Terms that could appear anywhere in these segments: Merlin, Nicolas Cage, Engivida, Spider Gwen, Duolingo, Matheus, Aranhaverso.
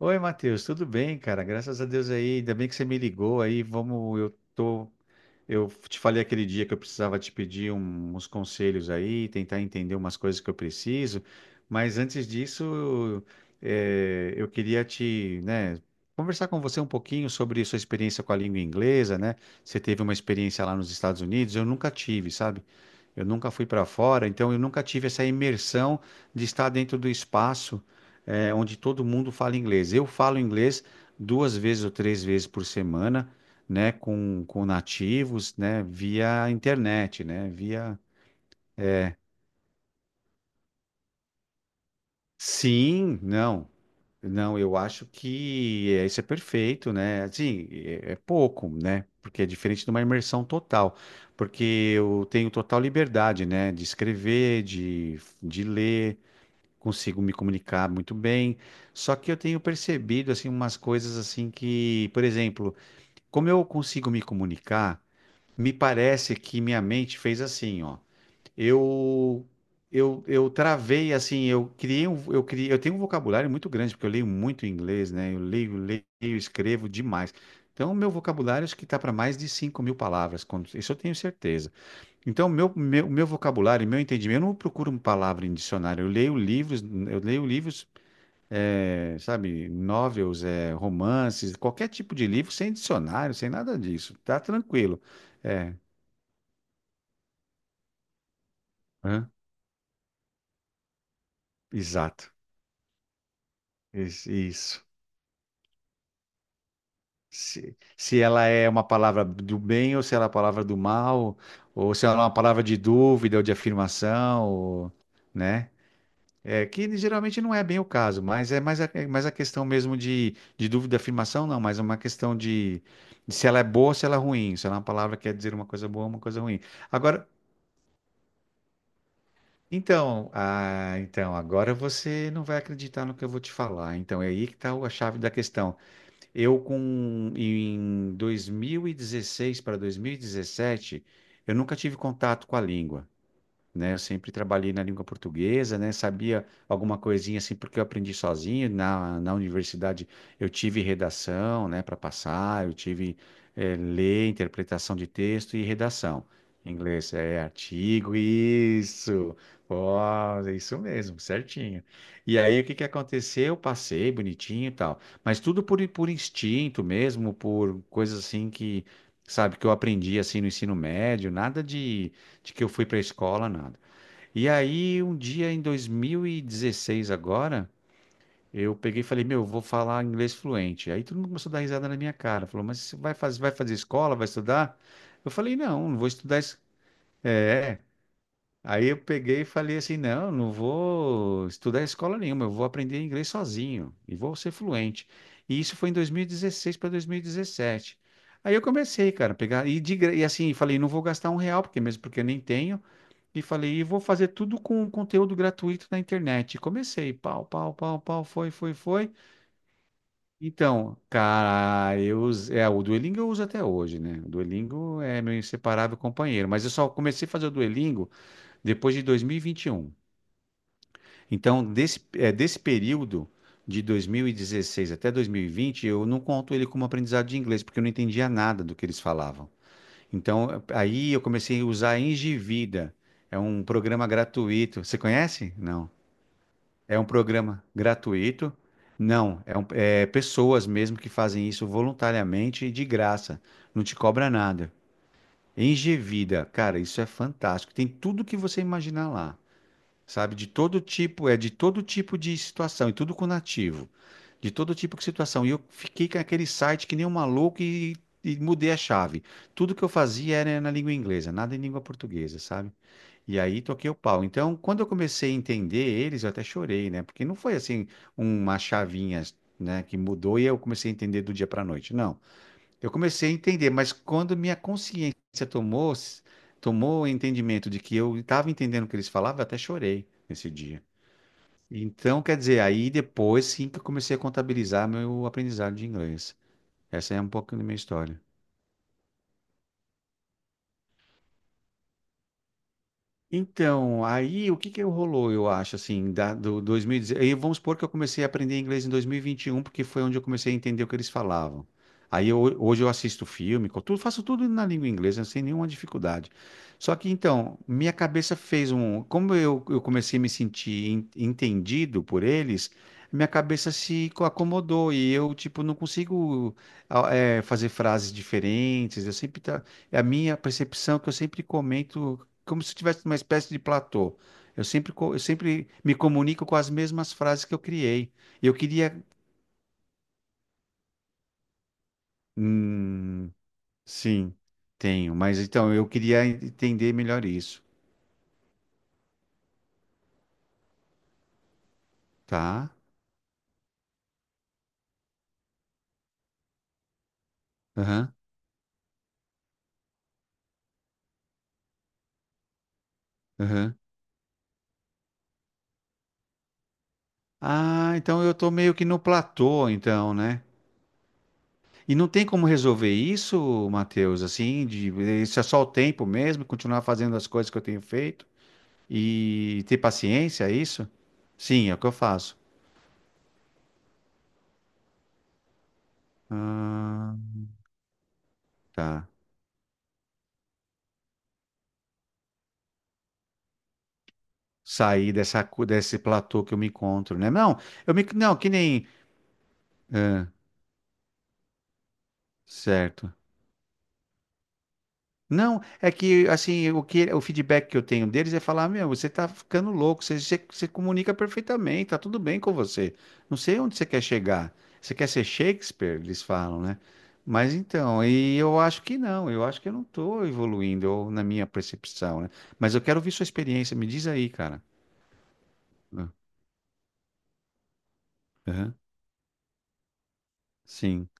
Oi, Matheus, tudo bem, cara? Graças a Deus aí, ainda bem que você me ligou aí. Vamos, eu tô, eu te falei aquele dia que eu precisava te pedir uns conselhos aí, tentar entender umas coisas que eu preciso. Mas antes disso, eu queria te, né, conversar com você um pouquinho sobre sua experiência com a língua inglesa, né? Você teve uma experiência lá nos Estados Unidos, eu nunca tive, sabe? Eu nunca fui para fora, então eu nunca tive essa imersão de estar dentro do espaço, onde todo mundo fala inglês. Eu falo inglês duas vezes ou três vezes por semana, né, com nativos, né, via internet, né, via... Sim, não, eu acho que isso é perfeito, né, assim, é pouco, né, porque é diferente de uma imersão total, porque eu tenho total liberdade, né, de escrever, de ler, consigo me comunicar muito bem. Só que eu tenho percebido assim umas coisas assim que, por exemplo, como eu consigo me comunicar, me parece que minha mente fez assim, ó. Eu eu travei assim, eu criei um, eu criei, eu tenho um vocabulário muito grande porque eu leio muito inglês, né? Eu leio, leio, escrevo demais. Então, o meu vocabulário acho que está para mais de 5.000 palavras, isso eu tenho certeza. Então, meu vocabulário, meu entendimento, eu não procuro uma palavra em dicionário. Eu leio livros, sabe, novels, romances, qualquer tipo de livro, sem dicionário, sem nada disso. Tá tranquilo. É, hã? Exato. Isso. Isso. Se ela é uma palavra do bem ou se ela é uma palavra do mal, ou se ela é uma palavra de dúvida ou de afirmação, ou, né? É, que geralmente não é bem o caso, mas é mais a questão mesmo de dúvida afirmação, não, mas é uma questão de se ela é boa ou se ela é ruim, se ela é uma palavra que quer dizer uma coisa boa ou uma coisa ruim. Agora, então, ah, então, agora você não vai acreditar no que eu vou te falar. Então, é aí que está a chave da questão. Eu, com, em 2016 para 2017, eu nunca tive contato com a língua. Né? Eu sempre trabalhei na língua portuguesa, né? Sabia alguma coisinha assim porque eu aprendi sozinho. Na universidade eu tive redação, né, para passar, eu tive ler, interpretação de texto e redação. Em inglês é artigo, isso. Ó, é isso mesmo, certinho. E aí o que que aconteceu? Eu passei bonitinho e tal, mas tudo por instinto mesmo, por coisas assim que, sabe, que eu aprendi assim no ensino médio, nada de de que eu fui para a escola, nada. E aí, um dia em 2016 agora, eu peguei e falei, meu, eu vou falar inglês fluente. Aí todo mundo começou a dar risada na minha cara. Falou, mas você vai fazer escola, vai estudar? Eu falei, não, não vou estudar. É. Aí eu peguei e falei assim, não, não vou estudar em escola nenhuma, eu vou aprender inglês sozinho e vou ser fluente. E isso foi em 2016 para 2017. Aí eu comecei, cara, a pegar e, e assim, falei, não vou gastar um real, porque mesmo porque eu nem tenho, e falei, e vou fazer tudo com conteúdo gratuito na internet. E comecei, pau, pau, pau, pau, foi, foi, foi. Então, cara, o Duolingo eu uso até hoje, né? O Duolingo é meu inseparável companheiro, mas eu só comecei a fazer o Duolingo depois de 2021. Então, desse período de 2016 até 2020, eu não conto ele como aprendizado de inglês, porque eu não entendia nada do que eles falavam. Então, aí eu comecei a usar a Engivida. É um programa gratuito. Você conhece? Não. É um programa gratuito. Não, é pessoas mesmo que fazem isso voluntariamente e de graça. Não te cobra nada. Engevida, cara, isso é fantástico. Tem tudo que você imaginar lá, sabe? De todo tipo, é de todo tipo de situação e tudo com nativo. De todo tipo de situação. E eu fiquei com aquele site que nem um maluco e mudei a chave. Tudo que eu fazia era na língua inglesa, nada em língua portuguesa, sabe? E aí toquei o pau. Então, quando eu comecei a entender eles, eu até chorei, né? Porque não foi assim uma chavinha, né, que mudou e eu comecei a entender do dia para noite. Não. Eu comecei a entender, mas quando minha consciência tomou tomou o entendimento de que eu estava entendendo o que eles falavam, eu até chorei nesse dia. Então, quer dizer, aí depois sim que eu comecei a contabilizar meu aprendizado de inglês. Essa é um pouco da minha história. Então, aí o que que rolou, eu acho, assim, do 2010, aí vamos supor que eu comecei a aprender inglês em 2021, porque foi onde eu comecei a entender o que eles falavam. Hoje eu assisto filme, tudo, faço tudo na língua inglesa, sem nenhuma dificuldade. Só que então, minha cabeça fez um, como eu comecei a me sentir entendido por eles, minha cabeça se co- acomodou e eu, tipo, não consigo fazer frases diferentes, eu sempre, tá, é a minha percepção que eu sempre comento como se eu tivesse uma espécie de platô. Eu sempre, eu sempre me comunico com as mesmas frases que eu criei. Eu queria. Hum, sim, tenho, mas então eu queria entender melhor isso, tá? Aham, aham. Ah, então eu tô meio que no platô, então, né? E não tem como resolver isso, Matheus, assim, de, isso é só o tempo mesmo, continuar fazendo as coisas que eu tenho feito e ter paciência, é isso? Sim, é o que eu faço. Ah, tá. Sair dessa, desse platô que eu me encontro, né? Não, eu me, não, que nem, ah, certo. Não, é que assim, o que o feedback que eu tenho deles é falar, meu, você tá ficando louco, você comunica perfeitamente, tá tudo bem com você. Não sei onde você quer chegar. Você quer ser Shakespeare? Eles falam, né? Mas então, e eu acho que não, eu acho que eu não tô evoluindo ou na minha percepção, né? Mas eu quero ouvir sua experiência, me diz aí, cara. Ah, aham. Sim,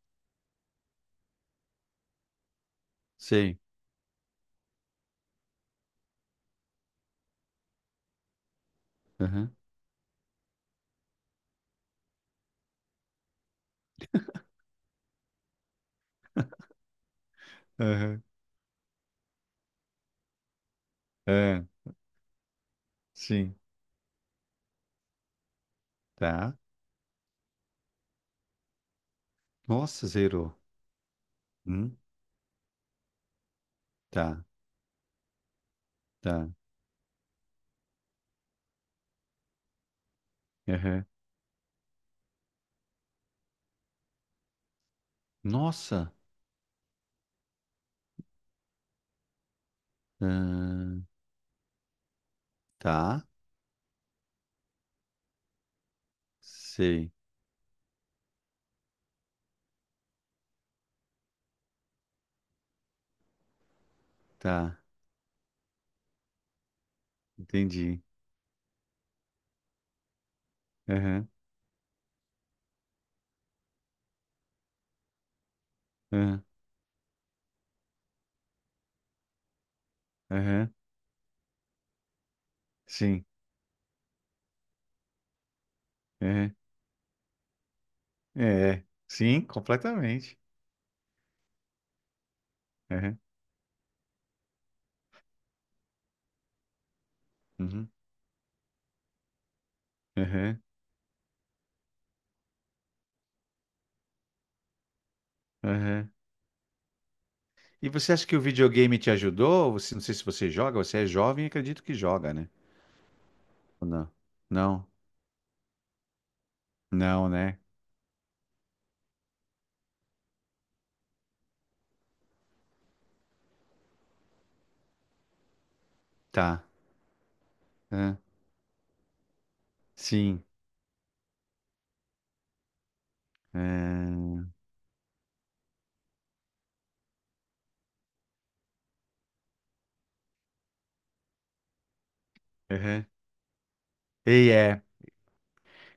sei. Aham, aham, é. Sim, tá. Nossa, zerou. Hum, tá, tá. Uhum. Nossa. Ahn, tá. Sei. Tá. Entendi. Uhum, uhum, uhum. Sim. Uhum. É. Sim, completamente. Uhum, uhum, uhum, uhum. E você acha que o videogame te ajudou? Você, não sei se você joga, você é jovem, acredito que joga, né? Ou não? Não. Não, né? Tá. Ahn, sim. Ahn, uhum. E é.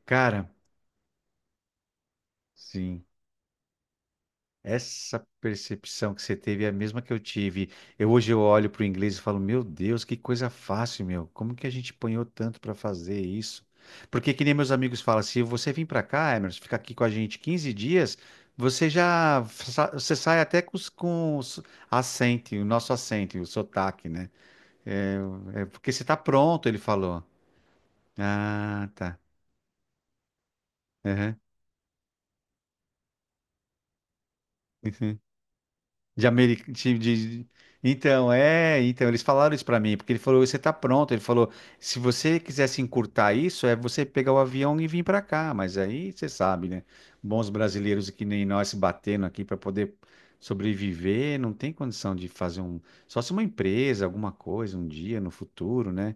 Cara. Sim, essa percepção que você teve é a mesma que eu tive. Eu hoje eu olho para o inglês e falo, meu Deus, que coisa fácil, meu. Como que a gente apanhou tanto para fazer isso? Porque que nem meus amigos falam, se você vir para cá, Emerson, ficar aqui com a gente 15 dias, você você sai até com, com os acento, o nosso acento, o sotaque, né? É, é porque você está pronto, ele falou. Ah, tá. Uhum. De Ameri... de- Então, é, então, eles falaram isso pra mim, porque ele falou, você tá pronto. Ele falou, se você quisesse encurtar isso, é você pegar o avião e vir pra cá. Mas aí você sabe, né? Bons brasileiros que nem nós se batendo aqui pra poder sobreviver, não tem condição de fazer um. Só se uma empresa, alguma coisa, um dia no futuro, né?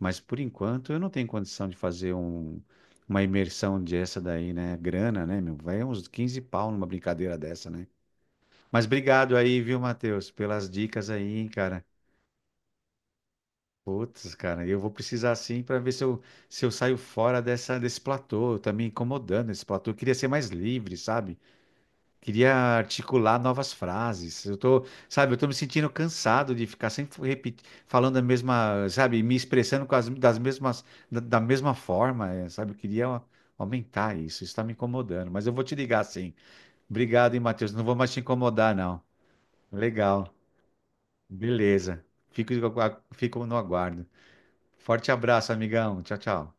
Mas por enquanto eu não tenho condição de fazer um... uma imersão dessa daí, né? Grana, né, meu? Vai uns 15 pau numa brincadeira dessa, né? Mas obrigado aí, viu, Matheus, pelas dicas aí, hein, cara. Putz, cara, eu vou precisar sim para ver se eu, se eu saio fora dessa, desse platô. Tá me incomodando esse platô. Eu queria ser mais livre, sabe? Queria articular novas frases. Eu tô, sabe, eu tô me sentindo cansado de ficar sempre repetindo, falando a mesma, sabe, me expressando das mesmas, da mesma forma, sabe? Aumentar isso. Isso tá me incomodando. Mas eu vou te ligar sim. Obrigado, hein, Matheus. Não vou mais te incomodar, não. Legal. Beleza. Fico, fico no aguardo. Forte abraço, amigão. Tchau, tchau.